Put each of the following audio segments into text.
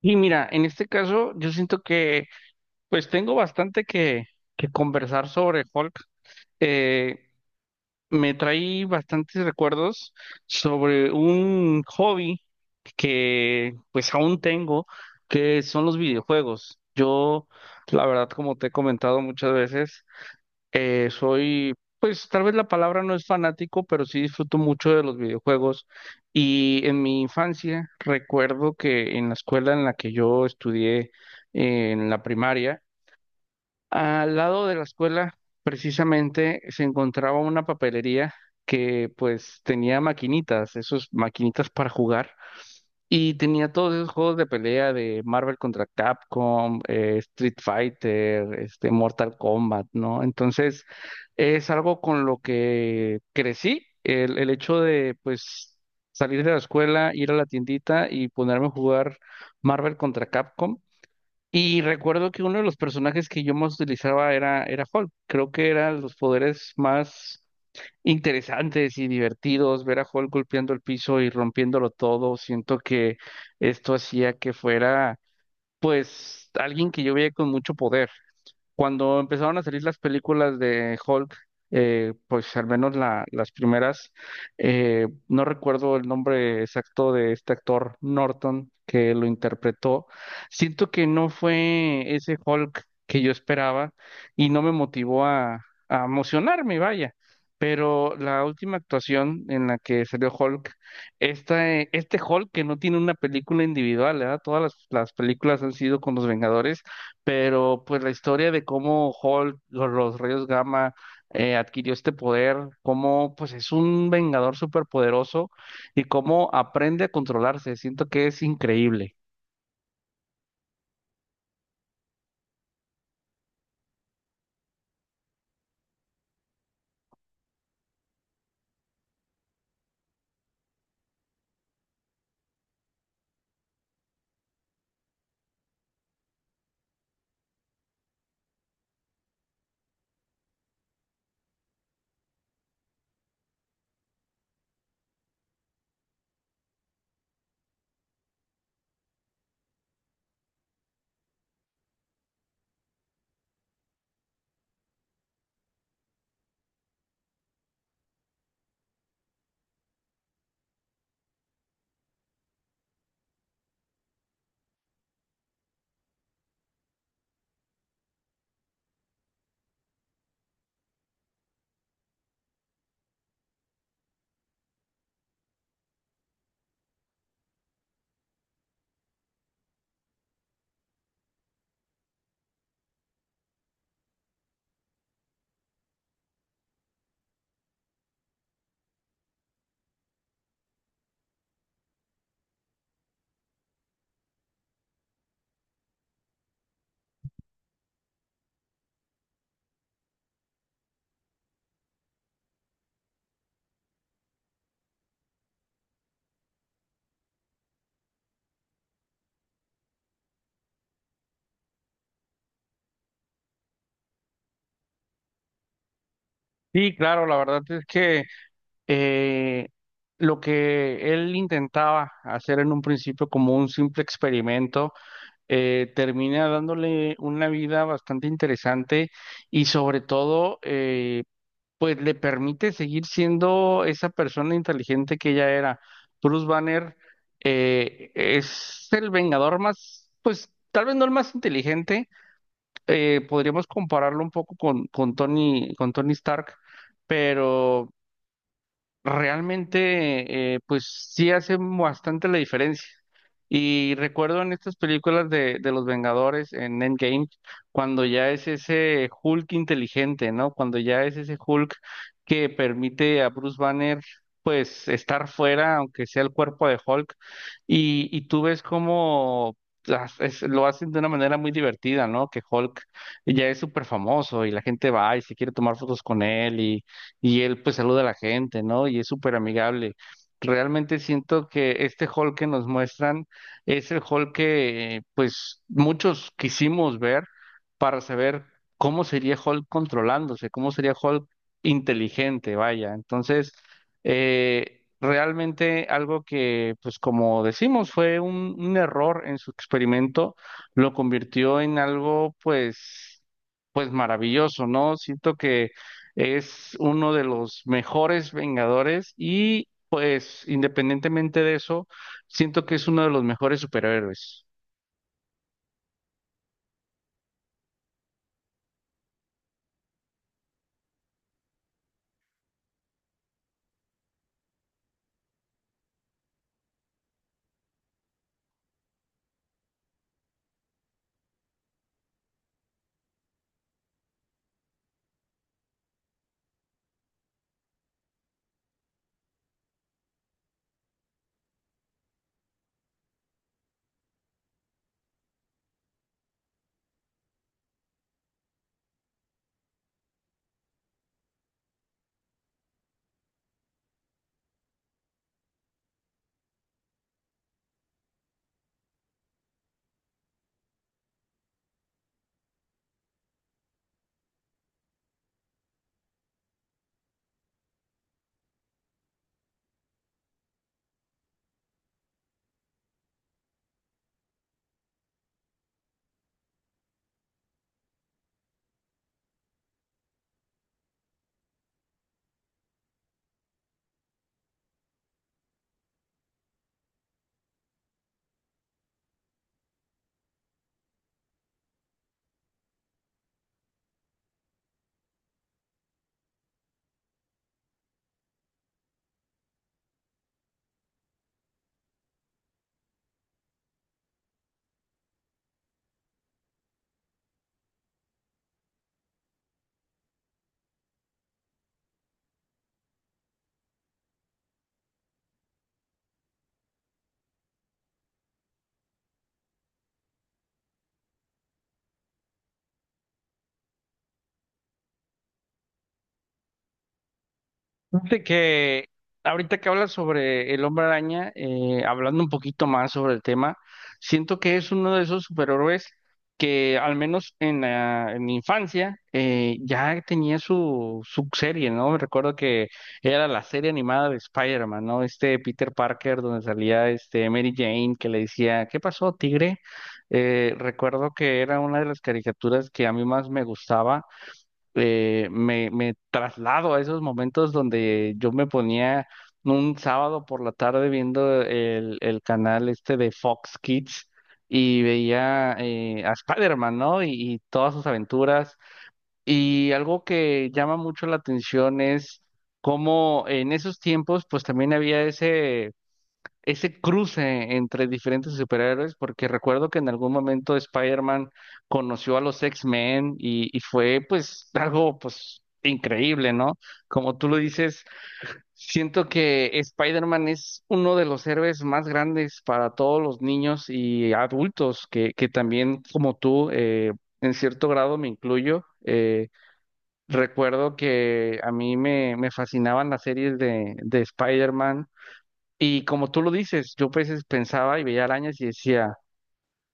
Y mira, en este caso yo siento que pues tengo bastante que conversar sobre Hulk. Eh, Me trae bastantes recuerdos sobre un hobby que pues aún tengo, que son los videojuegos. Yo, la verdad, como te he comentado muchas veces, soy, pues tal vez la palabra no es fanático, pero sí disfruto mucho de los videojuegos. Y en mi infancia recuerdo que en la escuela en la que yo estudié, en la primaria, al lado de la escuela precisamente se encontraba una papelería que pues tenía maquinitas, esos maquinitas para jugar. Y tenía todos esos juegos de pelea de Marvel contra Capcom, Street Fighter, este, Mortal Kombat, ¿no? Entonces, es algo con lo que crecí, el hecho de, pues, salir de la escuela, ir a la tiendita y ponerme a jugar Marvel contra Capcom. Y recuerdo que uno de los personajes que yo más utilizaba era Hulk. Creo que eran los poderes más interesantes y divertidos, ver a Hulk golpeando el piso y rompiéndolo todo. Siento que esto hacía que fuera, pues, alguien que yo veía con mucho poder. Cuando empezaron a salir las películas de Hulk, pues al menos las primeras, no recuerdo el nombre exacto de este actor Norton que lo interpretó. Siento que no fue ese Hulk que yo esperaba y no me motivó a emocionarme, vaya. Pero la última actuación en la que salió Hulk, esta, este Hulk que no tiene una película individual, ¿verdad? Todas las películas han sido con los Vengadores, pero pues la historia de cómo Hulk, los rayos gamma, adquirió este poder, cómo pues es un vengador superpoderoso y cómo aprende a controlarse, siento que es increíble. Sí, claro, la verdad es que eh, lo que él intentaba hacer en un principio como un simple experimento, termina dándole una vida bastante interesante y sobre todo, pues le permite seguir siendo esa persona inteligente que ella era. Bruce Banner, es el Vengador más, pues tal vez no el más inteligente, podríamos compararlo un poco con, con Tony Stark, pero realmente, pues sí hace bastante la diferencia. Y recuerdo en estas películas de los Vengadores, en Endgame, cuando ya es ese Hulk inteligente, ¿no? Cuando ya es ese Hulk que permite a Bruce Banner, pues, estar fuera, aunque sea el cuerpo de Hulk. Y tú ves cómo lo hacen de una manera muy divertida, ¿no? Que Hulk ya es súper famoso y la gente va y se quiere tomar fotos con él, y él pues saluda a la gente, ¿no? Y es súper amigable. Realmente siento que este Hulk que nos muestran es el Hulk que pues muchos quisimos ver para saber cómo sería Hulk controlándose, cómo sería Hulk inteligente, vaya. Entonces, realmente algo que pues como decimos fue un error en su experimento, lo convirtió en algo pues maravilloso, ¿no? Siento que es uno de los mejores Vengadores y pues independientemente de eso, siento que es uno de los mejores superhéroes. Fíjate que ahorita que hablas sobre el Hombre Araña, hablando un poquito más sobre el tema, siento que es uno de esos superhéroes que al menos en mi infancia ya tenía su serie, ¿no? Me recuerdo que era la serie animada de Spider-Man, ¿no? Este Peter Parker donde salía este Mary Jane que le decía, ¿qué pasó, tigre? Recuerdo que era una de las caricaturas que a mí más me gustaba, me traslado a esos momentos donde yo me ponía un sábado por la tarde viendo el canal este de Fox Kids y veía, a Spider-Man, ¿no? Y todas sus aventuras. Y algo que llama mucho la atención es cómo en esos tiempos, pues también había ese cruce entre diferentes superhéroes, porque recuerdo que en algún momento Spider-Man conoció a los X-Men y fue pues algo pues increíble, ¿no? Como tú lo dices, siento que Spider-Man es uno de los héroes más grandes para todos los niños y adultos que también como tú, en cierto grado me incluyo. Recuerdo que a me fascinaban las series de Spider-Man, y como tú lo dices, yo a veces pensaba y veía arañas y decía,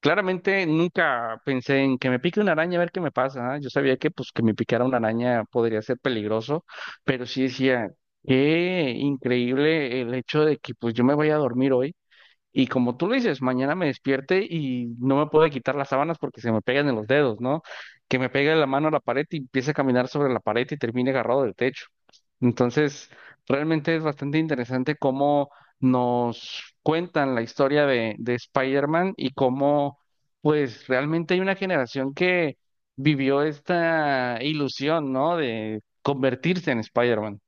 claramente nunca pensé en que me pique una araña a ver qué me pasa. ¿Ah? Yo sabía que pues que me picara una araña podría ser peligroso, pero sí decía, qué increíble el hecho de que pues yo me vaya a dormir hoy. Y como tú lo dices, mañana me despierte y no me puedo quitar las sábanas porque se me pegan en los dedos, ¿no? Que me pegue la mano a la pared y empiece a caminar sobre la pared y termine agarrado del techo. Entonces, realmente es bastante interesante cómo nos cuentan la historia de Spider-Man y cómo, pues, realmente hay una generación que vivió esta ilusión, ¿no? De convertirse en Spider-Man.